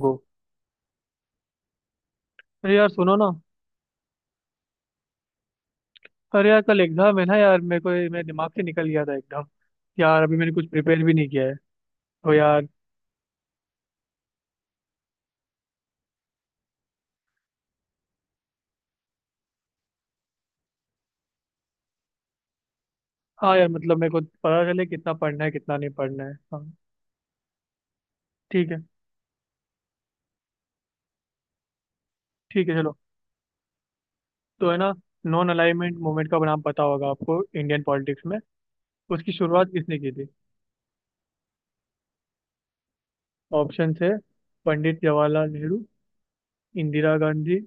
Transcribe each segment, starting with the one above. गो अरे यार सुनो ना। अरे यार कल एग्जाम है ना यार, मेरे को मेरे दिमाग से निकल गया था एकदम। यार अभी मैंने कुछ प्रिपेयर भी नहीं किया है, तो यार। हाँ यार, मतलब मेरे को पता चले कितना पढ़ना है कितना नहीं पढ़ना है। हाँ। ठीक है। ठीक है चलो। तो है ना, नॉन अलाइनमेंट मूवमेंट का नाम पता होगा आपको इंडियन पॉलिटिक्स में। उसकी शुरुआत किसने की थी? ऑप्शन है, पंडित जवाहरलाल नेहरू, इंदिरा गांधी,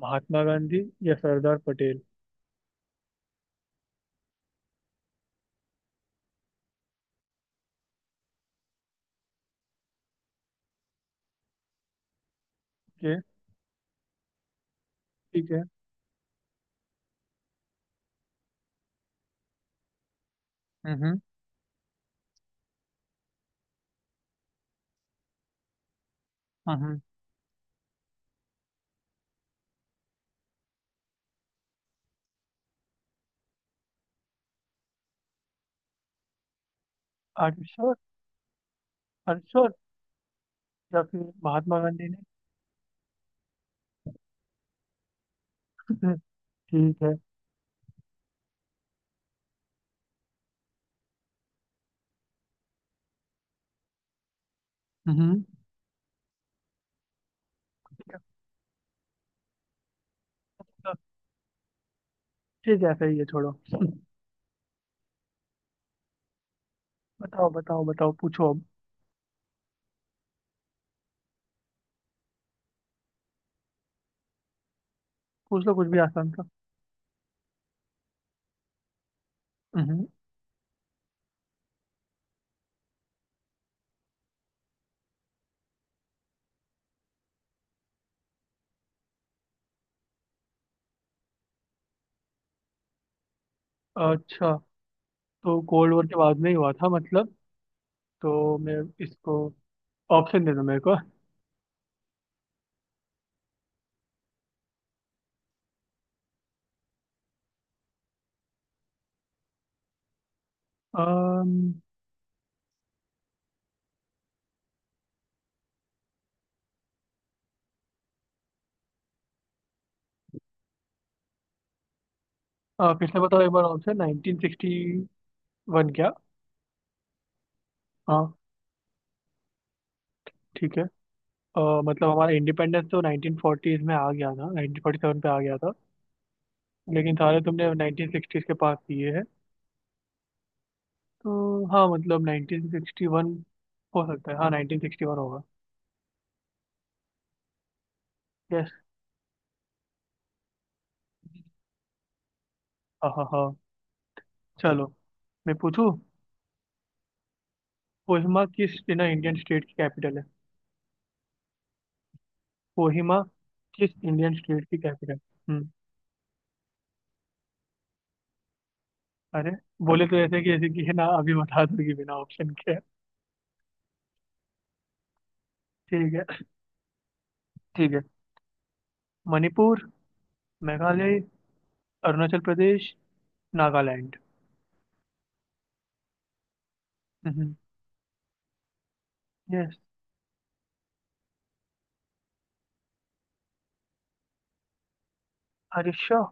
महात्मा गांधी, या सरदार पटेल। ओके। ठीक है। हम्म हम्म। हम्म। Are sure? Are sure? या फिर महात्मा गांधी ने? ठीक है। हम्म। तो ठीक है, सही है, छोड़ो। बताओ बताओ बताओ, पूछो अब। पूछ लो कुछ भी आसान सा। हम्म। अच्छा, तो कोल्ड वॉर के बाद में ही हुआ था मतलब। तो मैं इसको ऑप्शन दे दो मेरे को। अम, फिर से बताओ एक बार, ऑप्शन 1961 क्या? हाँ, ठीक है। अ, मतलब हमारा इंडिपेंडेंस तो 1940s में आ गया था, 1947 पे आ गया था। लेकिन सारे तुमने 1960s के पास दिए हैं, तो हाँ मतलब 1961। हो सकता है, हाँ 1961 होगा। यस। हाँ हाँ हाँ। चलो, मैं पूछूं। कोहिमा किस ना इंडियन स्टेट की कैपिटल है? कोहिमा किस इंडियन स्टेट की कैपिटल? हम्म। अरे बोले तो ऐसे कि है ना, अभी बता दूंगी बिना ऑप्शन के। ठीक है। ठीक है। मणिपुर, मेघालय, अरुणाचल प्रदेश, नागालैंड। हम्म। यस। अरे श्योर?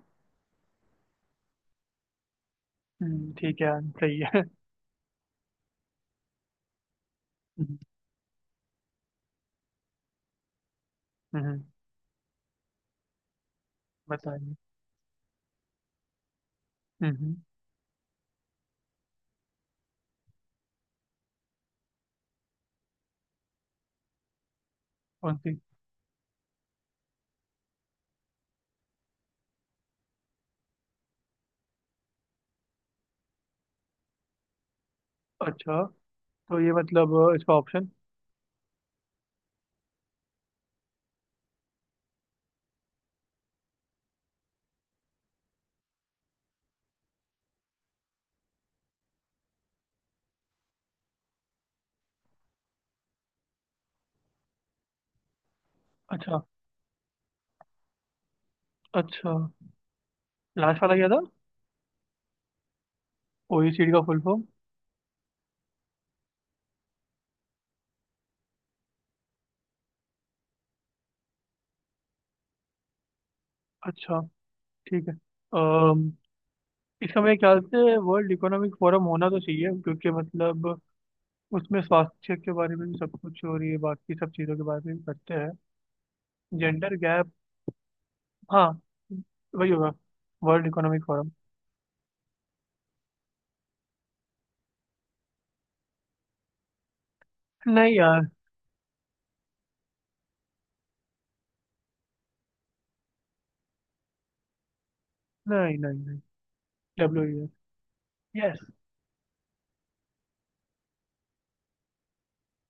हम्म, ठीक है। सही है। हम्म। हम्म। बताइए। हम्म। कौन सी? अच्छा, तो ये मतलब इसका ऑप्शन। अच्छा। अच्छा, लास्ट वाला क्या था? ओईसीडी का फुल फॉर्म? अच्छा। ठीक है। अम, इसका मेरे ख्याल से वर्ल्ड इकोनॉमिक फोरम होना तो चाहिए, क्योंकि मतलब उसमें स्वास्थ्य के बारे में भी सब कुछ हो रही है, बाकी सब चीज़ों के बारे में भी करते हैं, जेंडर गैप। हाँ, वही होगा, वर्ल्ड इकोनॉमिक फोरम। नहीं यार। नहीं नहीं नहीं। डब्ल्यू। यस।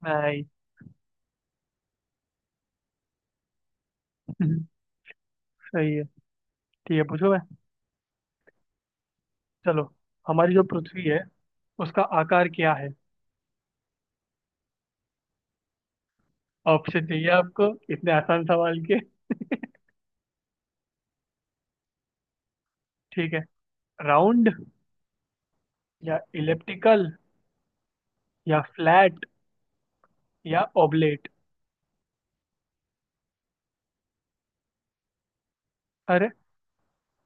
नहीं। सही है। ठीक है पूछो मैं। चलो। हमारी जो पृथ्वी है, उसका आकार क्या है? ऑप्शन चाहिए आपको इतने आसान सवाल के? ठीक है। राउंड, या इलिप्टिकल, या फ्लैट, या ओबलेट। अरे।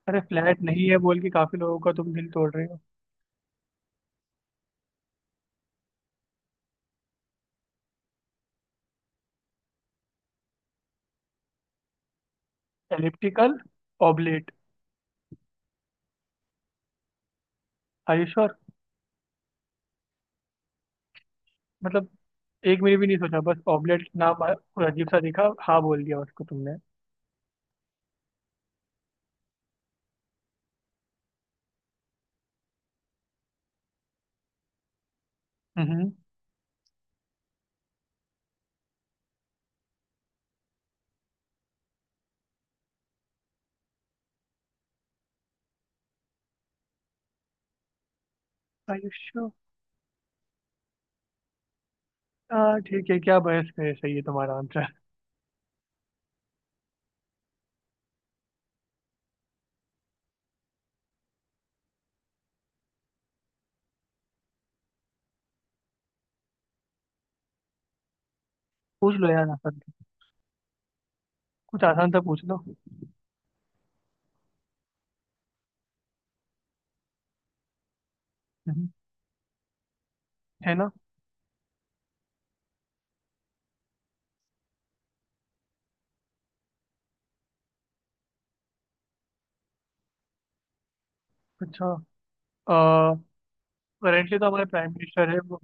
अरे फ्लैट नहीं है बोल के काफी लोगों का तुम दिल तोड़ रहे हो। Elliptical. Oblate. Are you sure? मतलब एक मिनट भी नहीं सोचा, बस ऑबलेट नाम आया, कोई अजीब सा दिखा, हाँ बोल दिया उसको तुमने। हम्म। Are you sure? हाँ ठीक है, क्या बहस है, सही है तुम्हारा आंसर। पूछ लो यार आसान सा। कुछ आसान सा पूछ लो। हम्म। है ना? अच्छा, करेंटली तो हमारे प्राइम मिनिस्टर है वो।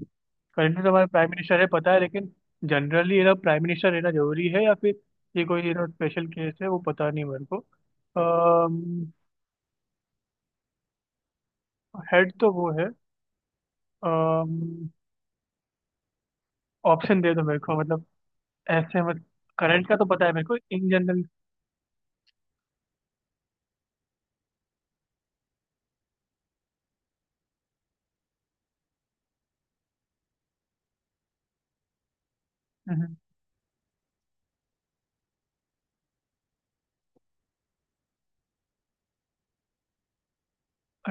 करेंटली तो हमारे प्राइम मिनिस्टर है पता है, लेकिन जनरली ये ना प्राइम मिनिस्टर रहना जरूरी है, या फिर ये कोई ये ना स्पेशल केस है, वो पता नहीं मेरे को। हेड तो वो है। ऑप्शन दे दो मेरे को मतलब, ऐसे मत, करंट का तो पता है मेरे को, इन जनरल।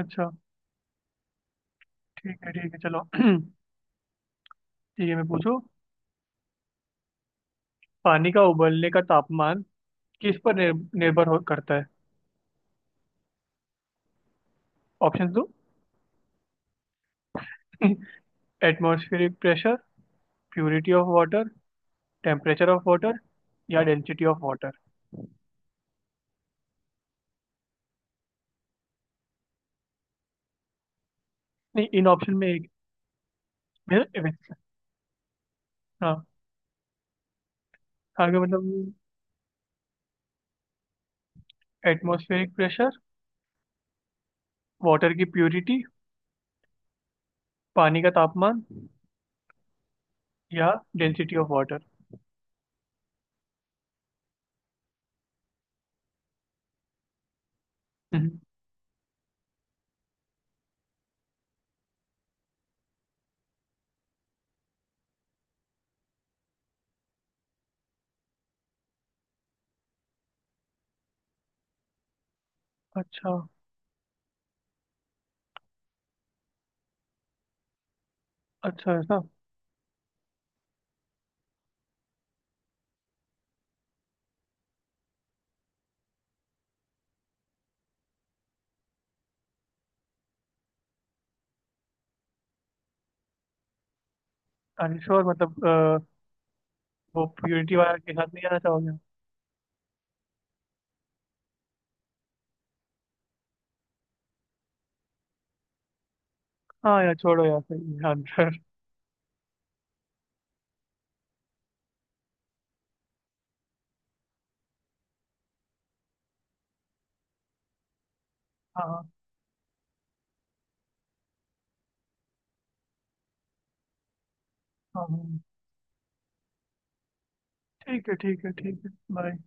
अच्छा। ठीक है चलो। ठीक है मैं पूछू। पानी का उबलने का तापमान किस पर निर्भर हो करता है? ऑप्शन दो। Atmospheric pressure, purity of water, temperature of water, या डेंसिटी ऑफ वाटर। नहीं इन ऑप्शन में एक में- हाँ, आगे मतलब एटमॉस्फेरिक प्रेशर, वाटर की प्योरिटी, पानी का तापमान, या डेंसिटी ऑफ वाटर। अच्छा। अच्छा ऐसा। अरे श्योर, मतलब वो प्योरिटी वाला के साथ नहीं जाना चाहोगे? हाँ यार छोड़ो यार, सही है आंसर। हाँ हाँ। हाँ, हाँ। ठीक है ठीक है ठीक है, बाय।